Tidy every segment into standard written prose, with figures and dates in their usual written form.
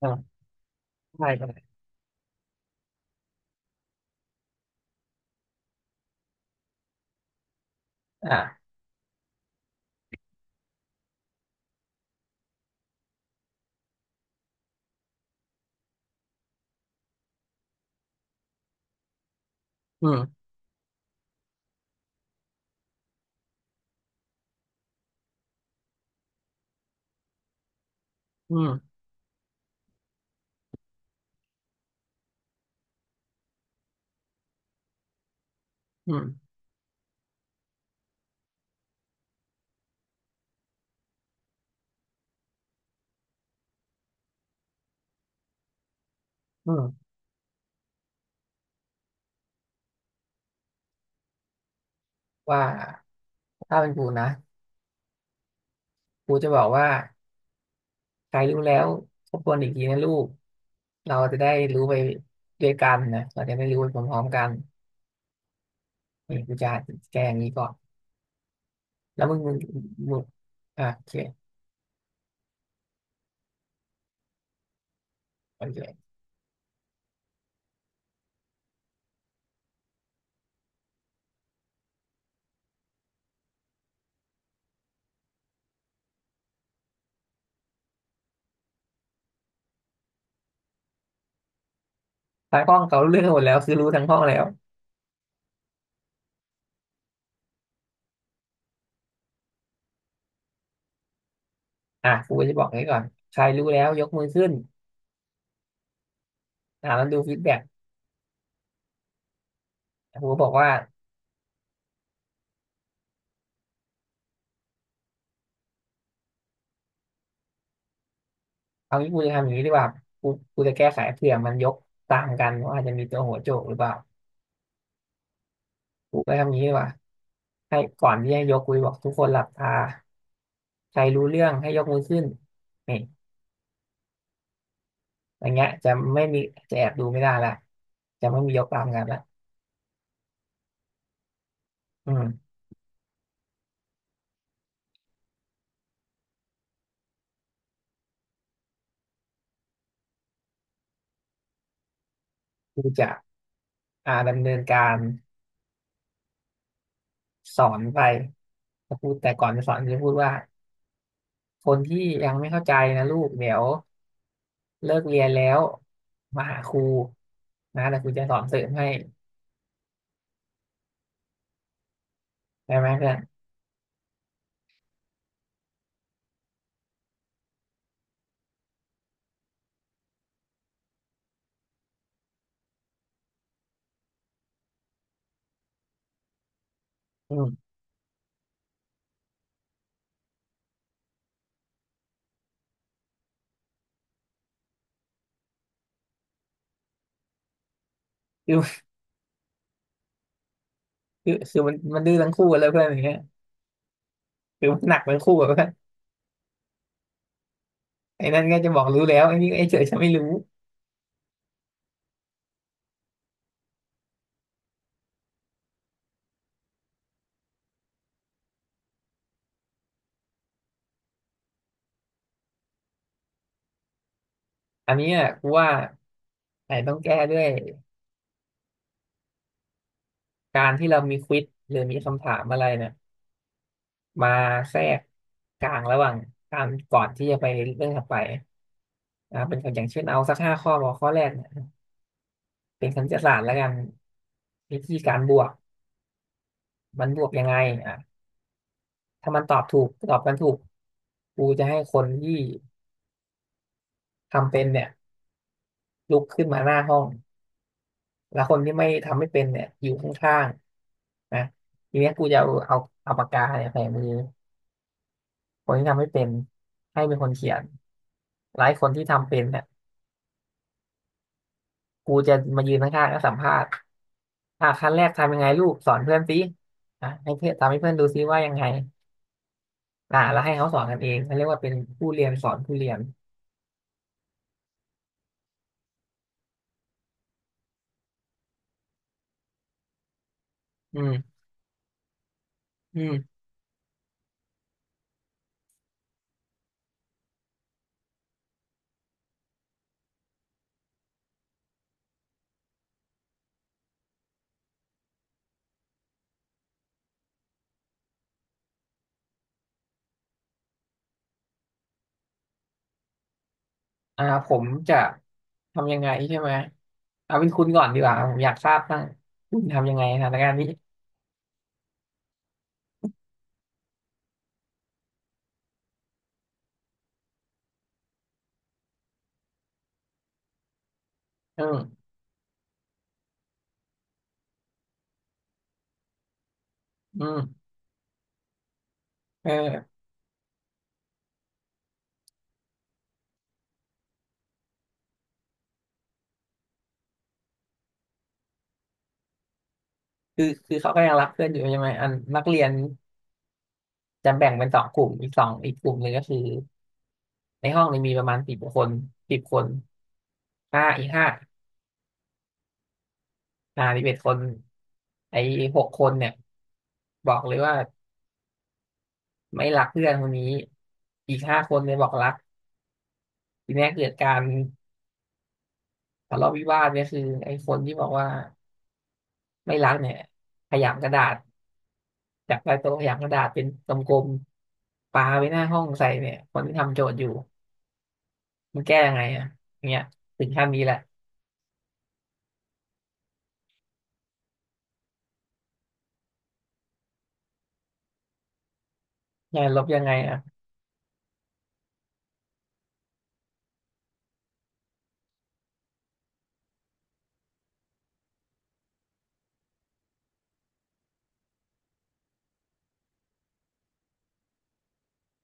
อ่าได้ได้อ่าอืมอืมอืมอืมว่าถ้าเป็นกูนะกูจะบอกว่าใครรู้แล้วทบทวนอีกทีนะลูกเราจะได้รู้ไปด้วยกันนะเราจะได้รู้ไปพร้อมๆกันนี่กูจะแก้อย่างนี้ก่อนแล้วมึงโอเคโอเคทางห้องเขารู้เรื่องหมดแล้วคือรู้ทั้งห้องแล้วอ่ะกูก็จะบอกอย่นี้ก่อนใครรู้แล้วยกมือขึ้นแล้วดูฟีดแบ็กกูก็บอกว่าเอางี้กูจะทำอย่างนี้ดีกว่ากูกูจะแก้ไขเผื่อมันยกตางกันว่าอาจจะมีตัวหัวโจกหรือเปล่า ครูก็ทำอย่างนี้ดีกว่าให้ก่อนที่ให้ยกคุยบอกทุกคนหลับตาใครรู้เรื่องให้ยกมือขึ้นนี่อย่างเงี้ยจะไม่มีจะแอบดูไม่ได้ละจะไม่มียกตามกันละอืมครูจะดำเนินการสอนไปแล้วครูดแต่ก่อนจะสอนจะพูดว่าคนที่ยังไม่เข้าใจนะลูกเดี๋ยวเลิกเรียนแล้วมาหาครูนะแต่ครูจะสอนเสริมให้ได้ไหมเพื่อนอืมคือคือมันดื้อทั้งคู่กันเลยเพื่อนอย่างเงี้ยคือมันหนักทั้งคู่อะ ไอ้นั่นก็จะบอกรู้แล้วไอ้นี่ไอ้เฉยฉันไม่รู้ อันนี้อ่ะกูว่าไอ้ต้องแก้ด้วยการที่เรามีควิซหรือมีคำถามอะไรเนี่ยมาแทรกกลางระหว่างการก่อนที่จะไปเรื่องถัดไปเป็นอย่างเช่นเอาสักห้าข้อบอกข้อแรกเนี่ยเป็นคณิตศาสตร์แล้วกันวิธีการบวก มันบวกยังไงอ่ะถ้ามันตอบถูกตอบมันถูกกูจะให้คนที่ทำเป็นเนี่ยลุกขึ้นมาหน้าห้อง แล้วคนที่ไม่ทำไม่เป็นเนี่ยอยู่ข้าง นะทีเนี้ยกูจะเอาปากกาเนี่ยแฝงมือคนที่ทำไม่เป็นให้เป็นคนเขียนหลายคนที่ทำเป็นเนี่ยกูจะมายืนข้างๆแล้วสัมภาษณ์อ่ะขั้นแรกทำยังไงลูกสอนเพื่อนสิอ่ะให้เพื่อนทำให้เพื่อนดูซิว่ายังไงอ่ะแล้วให้เขาสอนกันเองเขาเรียกว่าเป็นผู้เรียนสอนผู้เรียนอืมอืมผมจะทำยังไงใช่ไหมเอาเป็นคุณก่อนดีกว่าผมอยากทราบบ้างคุณทำยังไงสถานการณ์นี้อืมอืมเออ คือเขาก็ยังรักเพื่อนอยู่ใช่ไหมอันนักเรียนจะแบ่งเป็นสองกลุ่มอีกสองอีกกลุ่มหนึ่งก็คือในห้องนี้มีประมาณสิบคนสิบคนห้าอีกห้า11 คนไอ้หกคนเนี่ยบอกเลยว่าไม่รักเพื่อนคนนี้อีกห้าคนเนี่ยบอกรักทีนี้เกิดการทะเลาะวิวาทเนี่ยคือไอ้คนที่บอกว่าไม่รักเนี่ยขยำกระดาษจากใต้โต๊ะขยำกระดาษเป็นกลมๆปาไปหน้าห้องใส่เนี่ยคนที่ทำโจทย์อยู่มันแก้ยังไงอ่ะอย่างเงี้ยถึงขั้นนี้แหละ งานลบยังไงอ่ะ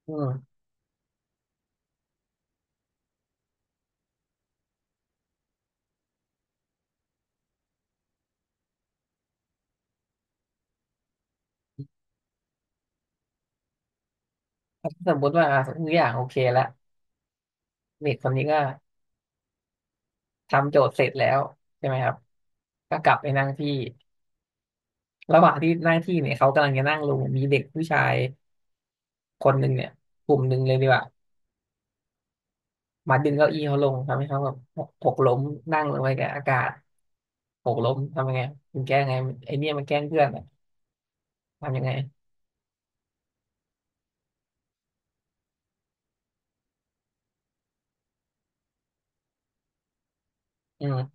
อืมถ้าสมมติว่าอ่ะทุกอย่างโอเคละเด็กคนนี้ก็ทำโจทย์เสร็จแล้วใช่ไหมครับก็กลับไปนั่งที่ระหว่างที่นั่งที่เนี่ยเขากำลังจะนั่งลงมีเด็กผู้ชายคนหนึ่งเนี่ยกลุ่มหนึ่งเลยดีกว่ามาดึงเก้าอี้เขาลงทำให้เขาแบบหกล้มนั่งลงไปกับอากาศหกล้มทำยังไงมันแก้ไงมันไอเนี่ยมันแกล้งเพื่อนอะทำยังไงอืม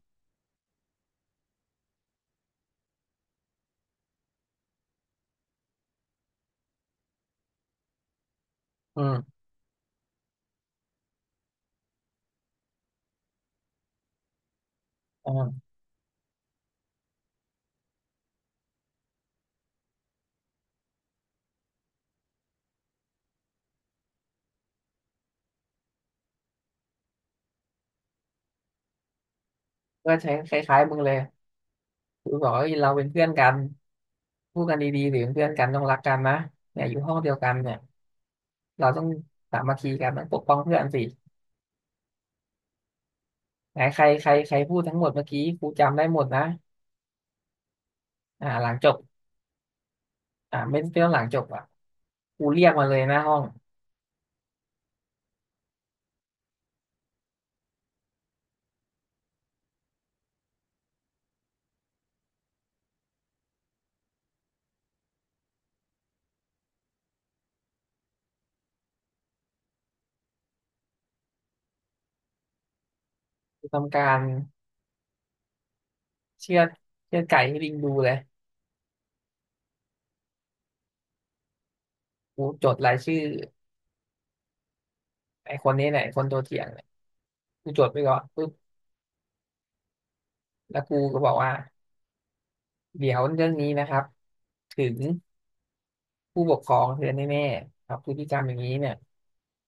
อืมอืมก็ใช้คล้ายๆมึงเลยกูบอกว่าเราเป็นเพื่อนกันพูดกันดีๆหรือเป็นเพื่อนกันต้องรักกันนะเนี่ยอยู่ห้องเดียวกันเนี่ย เราต้องสามัคคีกันต้องปกป้องเพื่อนสิไหนใครใครใครพูดทั้งหมดเมื่อกี้ครูจำได้หมดนะอ่าหลังจบไม่ไม่ต้องหลังจบอ่ะครูเรียกมาเลยหน้าห้องครูทำการเชือดเชือดไก่ให้ลิงดูเลยครูจดรายชื่อไอ้คนนี้เนี่ยไอ้คนตัวเถียงเนี่ยครูจดไปก่อนปุ๊บแล้วครูก็บอกว่าเดี๋ยวเรื่องนี้นะครับถึงผู้ปกครองเธอแน่ๆครับพฤติกรรมอย่างนี้เนี่ย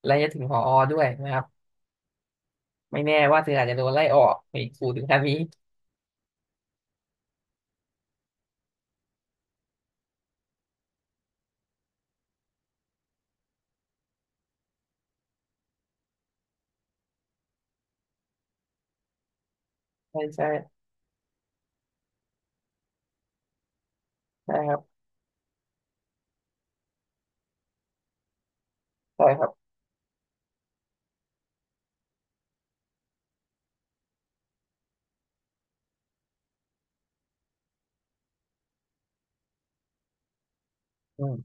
และจะถึงผอด้วยนะครับไม่แน่ว่าเธออาจจะโดนไล่ออกในครูถึงขั้นนี้ใช่ใช่ใช่ครับใช่ครับอืม